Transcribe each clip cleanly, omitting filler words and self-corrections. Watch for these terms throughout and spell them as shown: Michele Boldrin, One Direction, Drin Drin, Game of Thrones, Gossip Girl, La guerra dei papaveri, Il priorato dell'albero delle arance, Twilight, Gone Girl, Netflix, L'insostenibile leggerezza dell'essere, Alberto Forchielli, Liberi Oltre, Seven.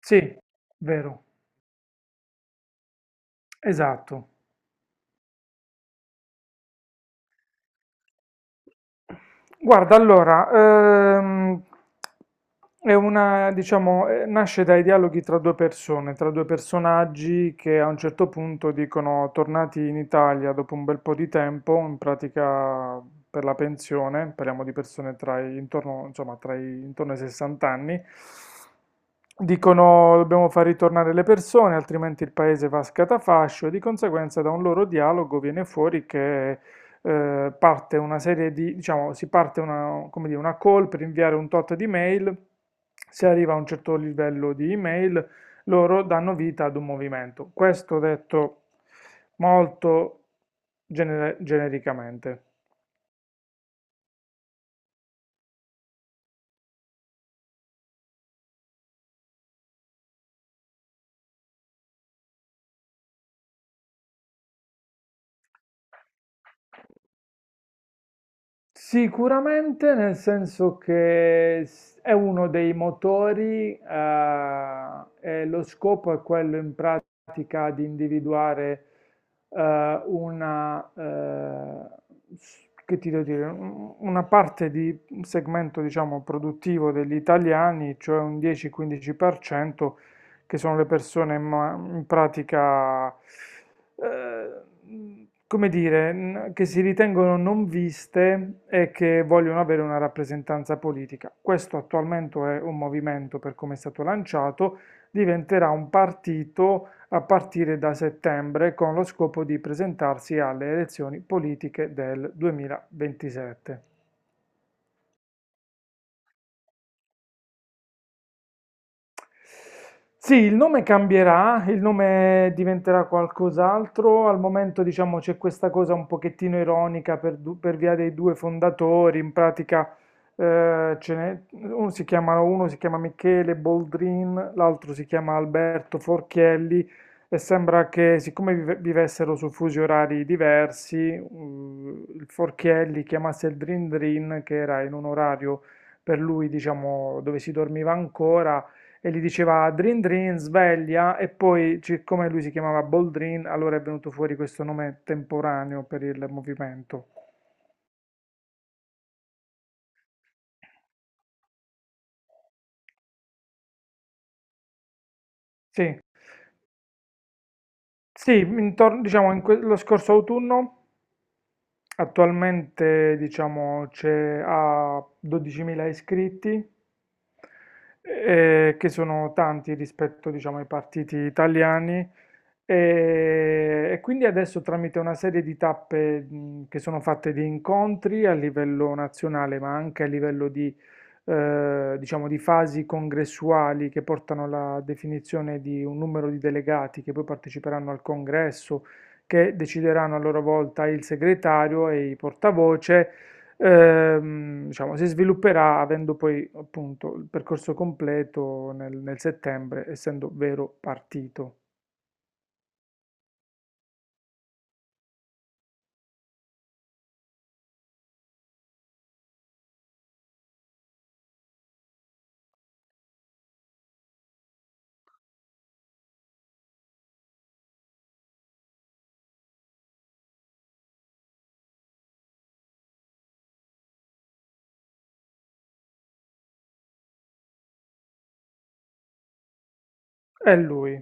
Sì, vero, esatto. Guarda, allora, ehm, diciamo, nasce dai dialoghi tra due persone, tra due personaggi che a un certo punto dicono, tornati in Italia dopo un bel po' di tempo, in pratica per la pensione, parliamo di persone tra i, intorno, insomma, tra i, intorno ai 60 anni, dicono dobbiamo far ritornare le persone, altrimenti il paese va a scatafascio e di conseguenza da un loro dialogo viene fuori che parte una serie di, diciamo, si parte una, come dire, una call per inviare un tot di mail, si arriva a un certo livello di email, loro danno vita ad un movimento. Questo detto molto genericamente. Sicuramente, nel senso che è uno dei motori, e lo scopo è quello in pratica di individuare eh, una, eh, che ti devo dire, una parte di un segmento, diciamo, produttivo degli italiani, cioè un 10-15% che sono le persone in pratica eh, come dire, che si ritengono non viste e che vogliono avere una rappresentanza politica. Questo attualmente è un movimento per come è stato lanciato, diventerà un partito a partire da settembre con lo scopo di presentarsi alle elezioni politiche del 2027. Sì, il nome cambierà, il nome diventerà qualcos'altro. Al momento, diciamo, c'è questa cosa un pochettino ironica per via dei due fondatori. In pratica, uno si chiama Michele Boldrin, l'altro si chiama Alberto Forchielli. E sembra che, siccome vivessero su fusi orari diversi, il Forchielli chiamasse il Drin Drin, che era in un orario per lui, diciamo, dove si dormiva ancora e gli diceva Drin Drin, sveglia, e poi, siccome lui si chiamava Boldrin, allora è venuto fuori questo nome temporaneo per il movimento. Sì, sì, intorno, diciamo lo scorso autunno. Attualmente, diciamo, c'è ha 12.000 iscritti, che sono tanti rispetto, diciamo, ai partiti italiani. E quindi adesso tramite una serie di tappe, che sono fatte di incontri a livello nazionale, ma anche a livello di, diciamo, di fasi congressuali che portano alla definizione di un numero di delegati che poi parteciperanno al congresso che decideranno a loro volta il segretario e i portavoce. Diciamo, si svilupperà avendo poi appunto il percorso completo nel settembre, essendo vero partito. È lui.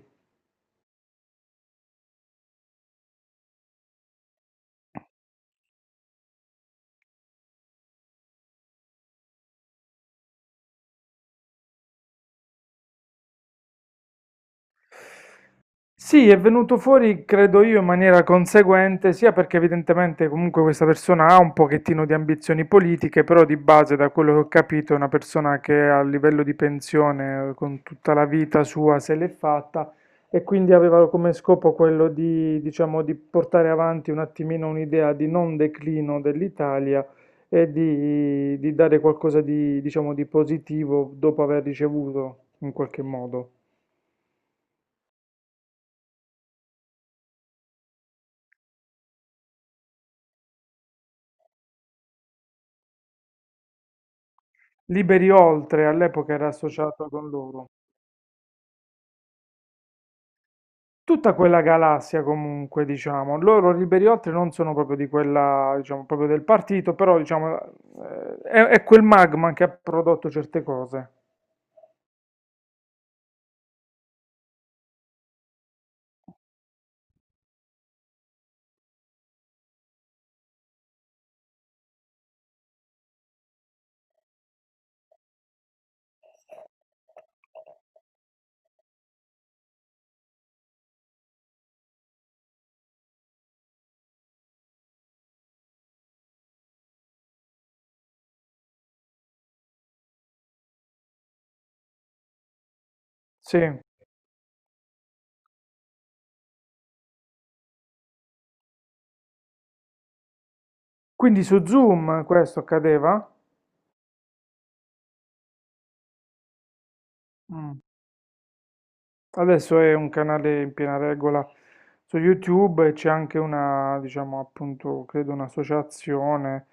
Sì, è venuto fuori, credo io, in maniera conseguente, sia perché evidentemente comunque questa persona ha un pochettino di ambizioni politiche, però di base, da quello che ho capito, è una persona che a livello di pensione, con tutta la vita sua, se l'è fatta e quindi aveva come scopo quello di, diciamo, di portare avanti un attimino un'idea di non declino dell'Italia e di, dare qualcosa di, diciamo, di positivo dopo aver ricevuto, in qualche modo. Liberi Oltre all'epoca era associato con loro. Tutta quella galassia comunque, diciamo, loro Liberi Oltre non sono proprio di quella, diciamo, proprio del partito, però diciamo è quel magma che ha prodotto certe cose. Sì. Quindi su Zoom questo accadeva? Mm. Adesso è un canale in piena regola su YouTube e c'è anche una, diciamo, appunto, credo un'associazione.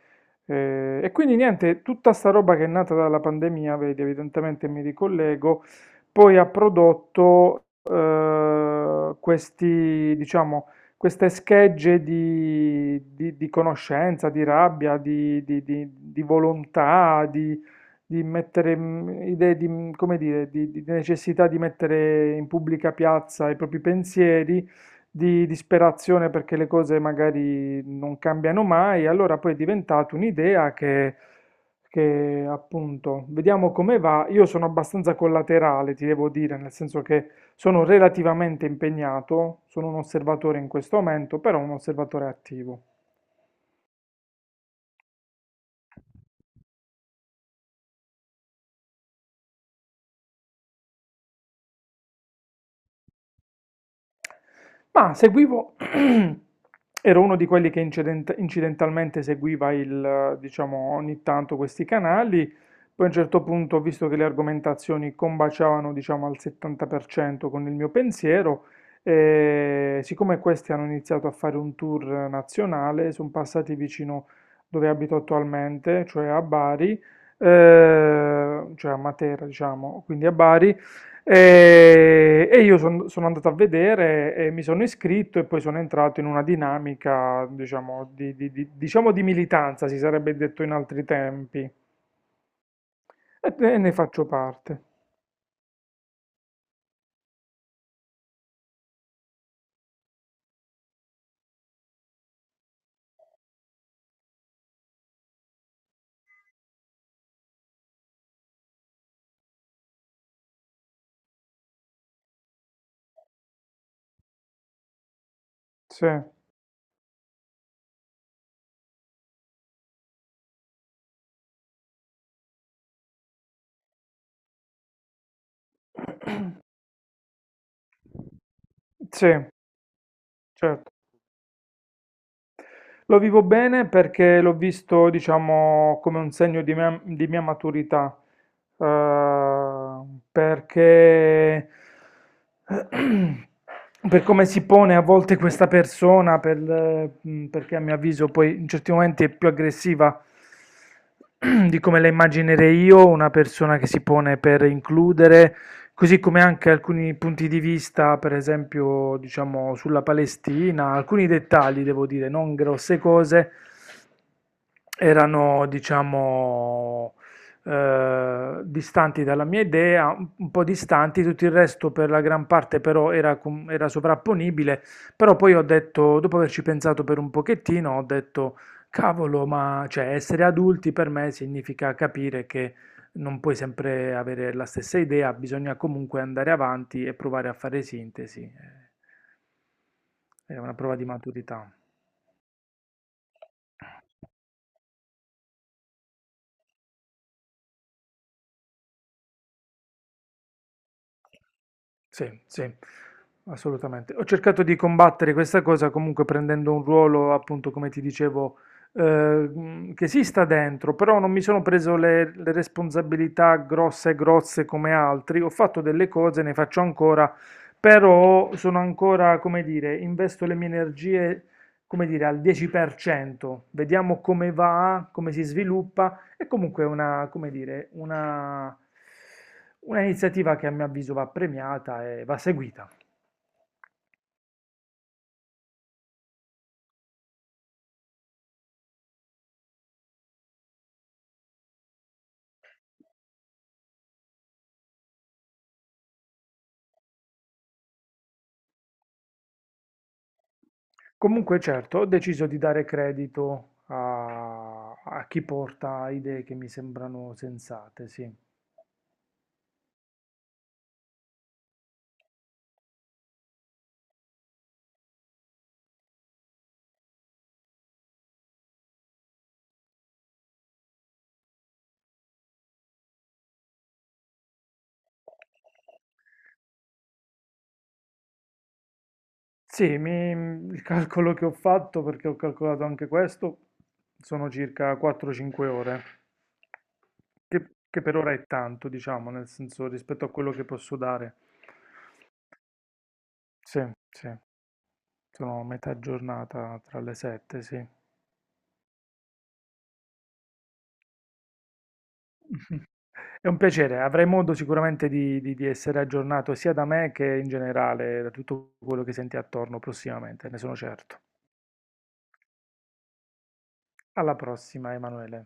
E quindi niente, tutta sta roba che è nata dalla pandemia, vedi, evidentemente mi ricollego, poi ha prodotto questi, diciamo, queste schegge di, di conoscenza, di rabbia, di, di volontà, di mettere idee di, come dire, di necessità di mettere in pubblica piazza i propri pensieri, di disperazione perché le cose magari non cambiano mai, allora poi è diventata un'idea che appunto vediamo come va. Io sono abbastanza collaterale, ti devo dire, nel senso che sono relativamente impegnato, sono un osservatore in questo momento, però un osservatore attivo. Ma seguivo, ero uno di quelli che incidentalmente seguiva il, diciamo, ogni tanto questi canali, poi a un certo punto ho visto che le argomentazioni combaciavano, diciamo, al 70% con il mio pensiero e siccome questi hanno iniziato a fare un tour nazionale, sono passati vicino dove abito attualmente, cioè a Bari, cioè a Matera, diciamo, quindi a Bari, e io sono andato a vedere e mi sono iscritto e poi sono entrato in una dinamica, diciamo, di, diciamo di militanza, si sarebbe detto in altri tempi, e ne faccio parte. Sì, sì, certo. Lo vivo bene perché l'ho visto, diciamo, come un segno di mia maturità, eh, perché per come si pone a volte questa persona, per, perché a mio avviso poi in certi momenti è più aggressiva di come la immaginerei io, una persona che si pone per includere. Così come anche alcuni punti di vista, per esempio, diciamo sulla Palestina, alcuni dettagli, devo dire, non grosse cose, erano, diciamo, distanti dalla mia idea, un po' distanti, tutto il resto per la gran parte però era, era sovrapponibile, però poi ho detto, dopo averci pensato per un pochettino, ho detto, cavolo, ma cioè, essere adulti per me significa capire che non puoi sempre avere la stessa idea, bisogna comunque andare avanti e provare a fare sintesi. È una prova di maturità. Sì, sì, assolutamente. Ho cercato di combattere questa cosa comunque prendendo un ruolo, appunto, come ti dicevo, che si sta dentro, però non mi sono preso le responsabilità grosse e grosse come altri. Ho fatto delle cose, ne faccio ancora, però sono ancora, come dire, investo le mie energie, come dire, al 10%. Vediamo come va, come si sviluppa. È comunque una, come dire, una iniziativa che a mio avviso va premiata e va seguita. Comunque, certo, ho deciso di dare credito a, a chi porta idee che mi sembrano sensate, sì. Sì, il calcolo che ho fatto, perché ho calcolato anche questo, sono circa 4-5 ore, che per ora è tanto, diciamo, nel senso rispetto a quello che posso dare. Sì, sì. Sono a metà giornata tra le sette, sì. È un piacere, avrai modo sicuramente di, di essere aggiornato sia da me che in generale da tutto quello che senti attorno prossimamente, ne sono certo. Alla prossima, Emanuele.